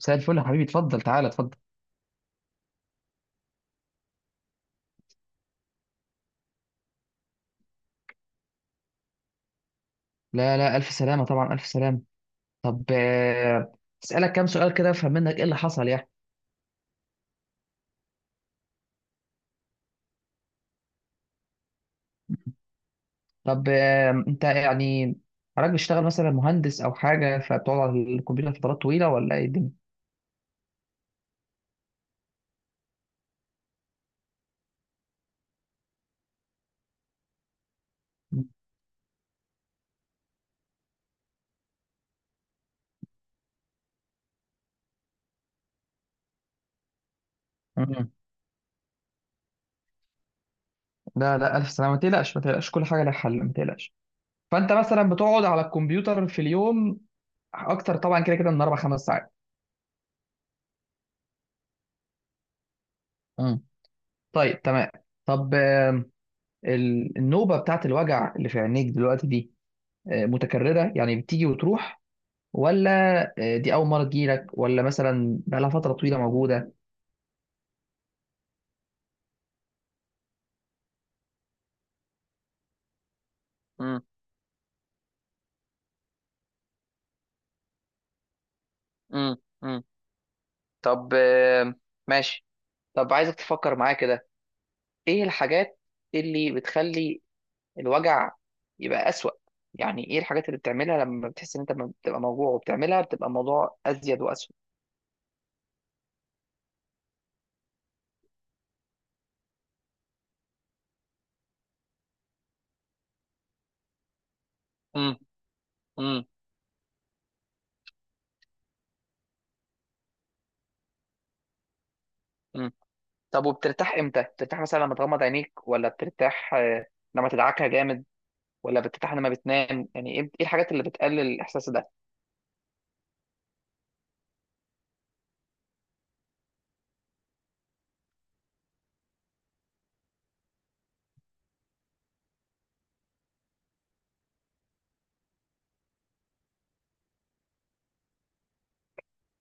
مساء الفل يا حبيبي، اتفضل تعالى اتفضل. لا لا، الف سلامه طبعا، الف سلامه. طب، اسالك كام سؤال كده افهم منك ايه اللي حصل يعني. طب، انت يعني حضرتك بتشتغل مثلا مهندس او حاجه، فبتقعد على الكمبيوتر فترات طويله ولا ايه الدنيا؟ مم. لا لا، الف سلامه، ما تقلقش ما تقلقش، كل حاجه لها حل، ما تقلقش. فانت مثلا بتقعد على الكمبيوتر في اليوم اكتر طبعا كده كده من 4 5 ساعات. مم. طيب تمام. طب، النوبة بتاعت الوجع اللي في عينيك دلوقتي دي، متكررة يعني بتيجي وتروح، ولا، دي أول مرة تجيلك، ولا مثلا بقالها فترة طويلة موجودة؟ مم. مم. مم. طب، ماشي. طب عايزك تفكر معايا كده، ايه الحاجات اللي بتخلي الوجع يبقى أسوأ؟ يعني ايه الحاجات اللي بتعملها لما بتحس ان انت لما بتبقى موجوع وبتعملها بتبقى الموضوع ازيد واسوأ؟ مم. مم. مم. طب وبترتاح امتى؟ بترتاح مثلا لما تغمض عينيك، ولا بترتاح لما تدعكها جامد، ولا بترتاح لما بتنام؟ يعني ايه، إيه الحاجات اللي بتقلل الاحساس ده؟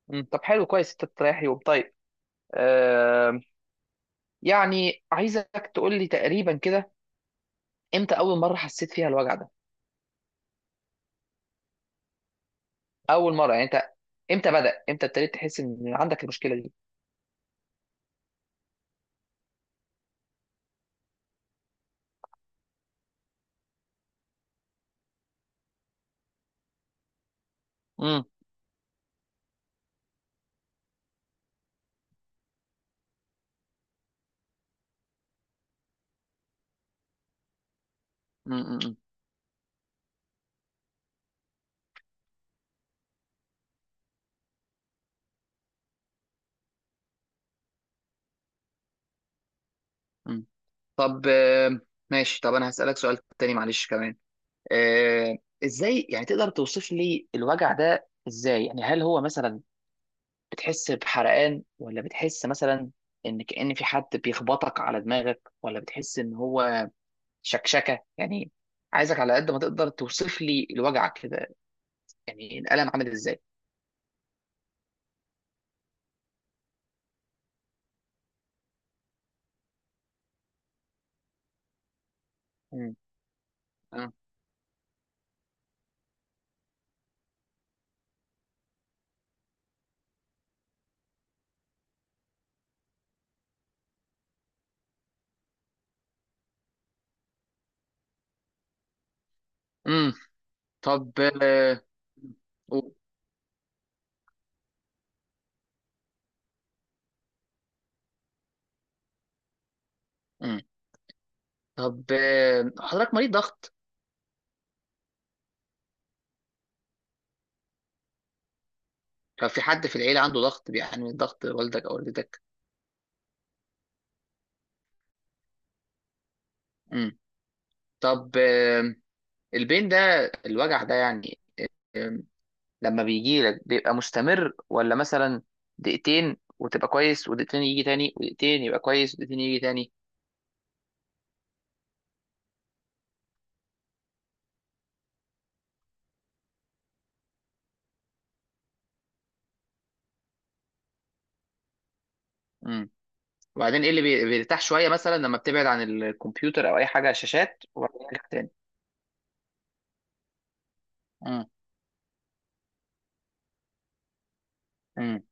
مم. طب حلو، كويس انت بتريحي وبطيب. آه. يعني عايزك تقول لي تقريبا كده، امتى اول مره حسيت فيها الوجع ده؟ اول مره يعني انت امتى بدأ، امتى ابتديت تحس ان عندك المشكله دي؟ مم. مم. مم. مم. طب، ماشي. طب انا هسألك سؤال تاني معلش كمان. آه، ازاي يعني تقدر توصف لي الوجع ده ازاي؟ يعني هل هو مثلا بتحس بحرقان، ولا بتحس مثلا ان كأن في حد بيخبطك على دماغك، ولا بتحس ان هو شكشكه يعني؟ عايزك على قد ما تقدر توصف لي الوجع كده، يعني الألم عامل ازاي. امم. آه. أمم. طب، آه. أوه. أمم. طب، حضرتك مريض ضغط؟ لو في حد في العيلة عنده ضغط، بيعاني من ضغط، والدك او والدتك؟ امم. طب، البين ده، الوجع ده يعني، لما بيجي لك بيبقى مستمر، ولا مثلا دقيقتين وتبقى كويس ودقيقتين يجي تاني ودقيقتين يبقى كويس ودقيقتين يجي تاني؟ امم. وبعدين ايه اللي بيرتاح شويه؟ مثلا لما بتبعد عن الكمبيوتر او اي حاجه شاشات وبعدين يرجع تاني؟ امم. امم.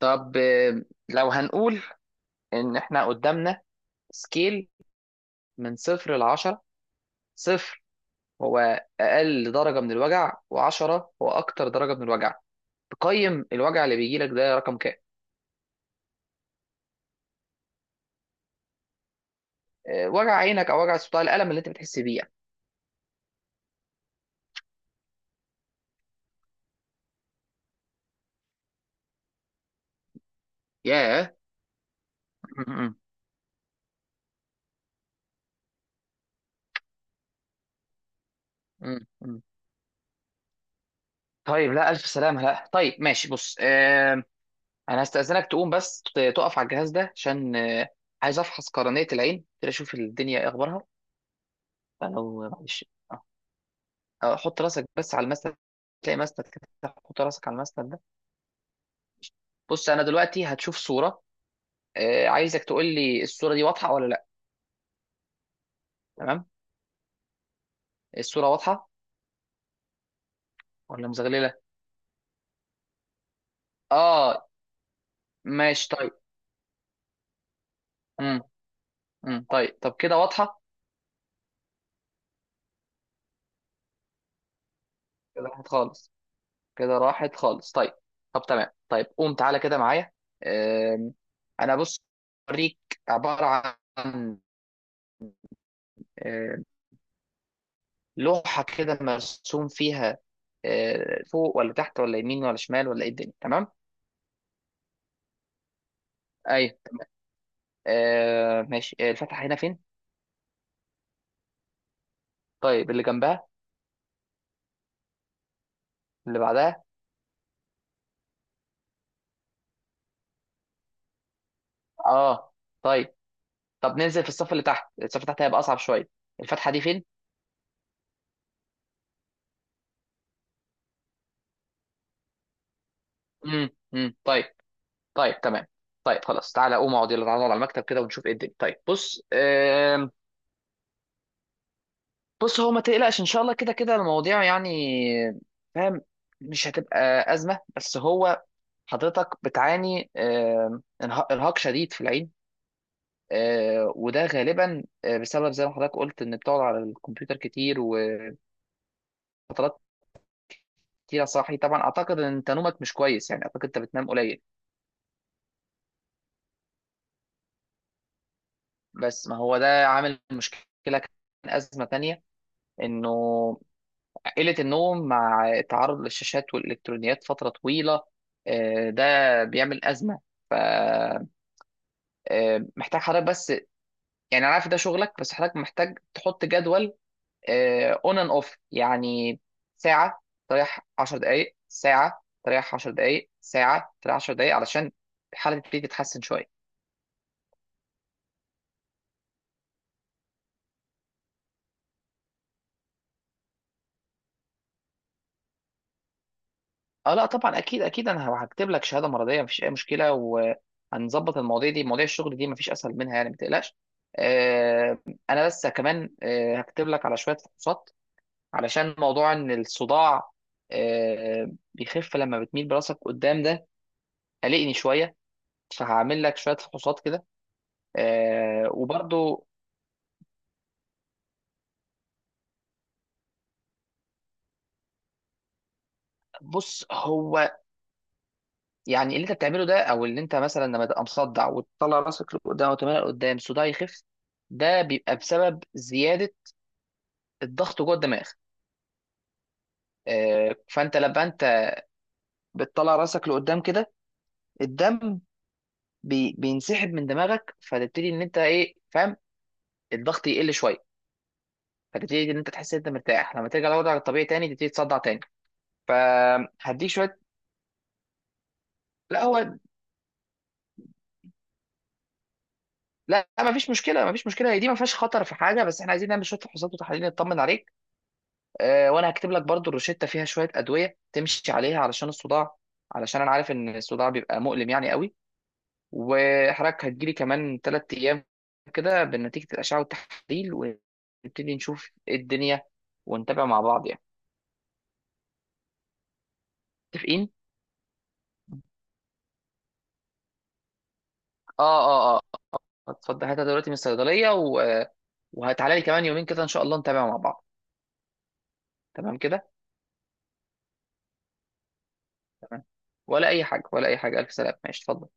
طب، لو هنقول ان احنا قدامنا سكيل من صفر لعشرة، صفر هو اقل درجه من الوجع وعشرة هو اكتر درجه من الوجع، تقيم الوجع اللي بيجي لك ده رقم كام؟ وجع عينك او وجع صوتها، الالم اللي انت بتحس بيه يعني. ياه. م- م- م- م. طيب لا، ألف سلامة. لا طيب، ماشي. بص، آه، أنا هستأذنك تقوم بس تقف على الجهاز ده عشان عايز أفحص قرنية العين كده، أشوف الدنيا إيه أخبارها. فلو معلش، آه، حط راسك بس على المسند، تلاقي مسند كده. حط راسك على المسند ده. بص أنا دلوقتي هتشوف صورة، آه، عايزك تقول لي الصورة دي واضحة ولا لا. تمام. الصورة واضحة ولا مزغللة؟ آه. ماشي طيب. م- م. طيب، طب كده واضحة؟ كده واضحة خالص؟ كده راحت خالص؟ طيب. طب تمام. طيب قوم تعالى كده معايا. آم، انا بص اوريك عباره عن، آم، لوحه كده مرسوم فيها فوق ولا تحت ولا يمين ولا شمال ولا ايه الدنيا، تمام؟ ايوه. آه ماشي. الفتحه هنا فين؟ طيب، اللي جنبها؟ اللي بعدها؟ اه. طيب. طب ننزل في الصف اللي تحت. الصف اللي تحت هيبقى اصعب شويه. الفتحه دي فين؟ امم. امم. طيب. طيب تمام. طيب خلاص، تعالى قوم اقعد، يلا تعالى نقعد على المكتب كده ونشوف ايه الدنيا. طيب بص، آه. بص هو ما تقلقش، ان شاء الله كده كده المواضيع يعني، فاهم، مش هتبقى ازمه. بس هو حضرتك بتعاني ارهاق شديد في العين، وده غالبا بسبب زي ما حضرتك قلت ان بتقعد على الكمبيوتر كتير وفترات كتير صاحي طبعا. اعتقد ان انت نومك مش كويس، يعني اعتقد انت بتنام قليل. بس ما هو ده عامل مشكله، كان ازمه تانية انه قلة النوم مع التعرض للشاشات والإلكترونيات فترة طويلة، ده بيعمل أزمة. فمحتاج حضرتك بس، يعني أنا عارف ده شغلك، بس حضرتك محتاج تحط جدول أون أند أوف يعني، ساعة تريح 10 دقايق، ساعة تريح 10 دقايق، ساعة تريح 10 دقايق، علشان الحالة تبتدي تتحسن شوية. اه لا طبعا، اكيد اكيد، انا هكتب لك شهاده مرضيه، مفيش اي مشكله. وهنظبط المواضيع دي، مواضيع الشغل دي مفيش اسهل منها يعني، ما تقلقش. آه، انا بس كمان، هكتب لك على شويه فحوصات علشان موضوع ان الصداع، بيخف لما بتميل براسك قدام ده، قلقني شويه. فهعمل لك شويه فحوصات كده، وبرضو بص هو، يعني اللي انت بتعمله ده، او اللي انت مثلا لما تبقى مصدع وتطلع راسك لقدام وتميل لقدام الصداع يخف، ده بيبقى بسبب زياده الضغط جوه الدماغ. فانت لما انت بتطلع راسك لقدام كده، الدم بينسحب من دماغك، فتبتدي ان انت ايه، فاهم، الضغط يقل شويه، فتبتدي ان انت تحس ان انت مرتاح. لما ترجع لوضعك الطبيعي تاني تبتدي تصدع تاني، فهديك شويه. لا هو، لا، ما فيش مشكله ما فيش مشكله، هي دي ما فيهاش خطر في حاجه، بس احنا عايزين نعمل شويه فحوصات وتحاليل نطمن عليك. وانا هكتب لك برضو الروشته، فيها شويه ادويه تمشي عليها علشان الصداع، علشان انا عارف ان الصداع بيبقى مؤلم يعني قوي. وحضرتك هتجيلي كمان 3 أيام كده بنتيجة الأشعة والتحاليل، ونبتدي نشوف إيه الدنيا ونتابع مع بعض يعني. متفقين؟ آه آه آه. اتفضل هاتها دلوقتي من الصيدلية، و... وهتعالى لي كمان يومين كده إن شاء الله نتابع مع بعض. تمام كده؟ تمام. ولا أي حاجة ولا أي حاجة، ألف سلامة، ماشي اتفضل.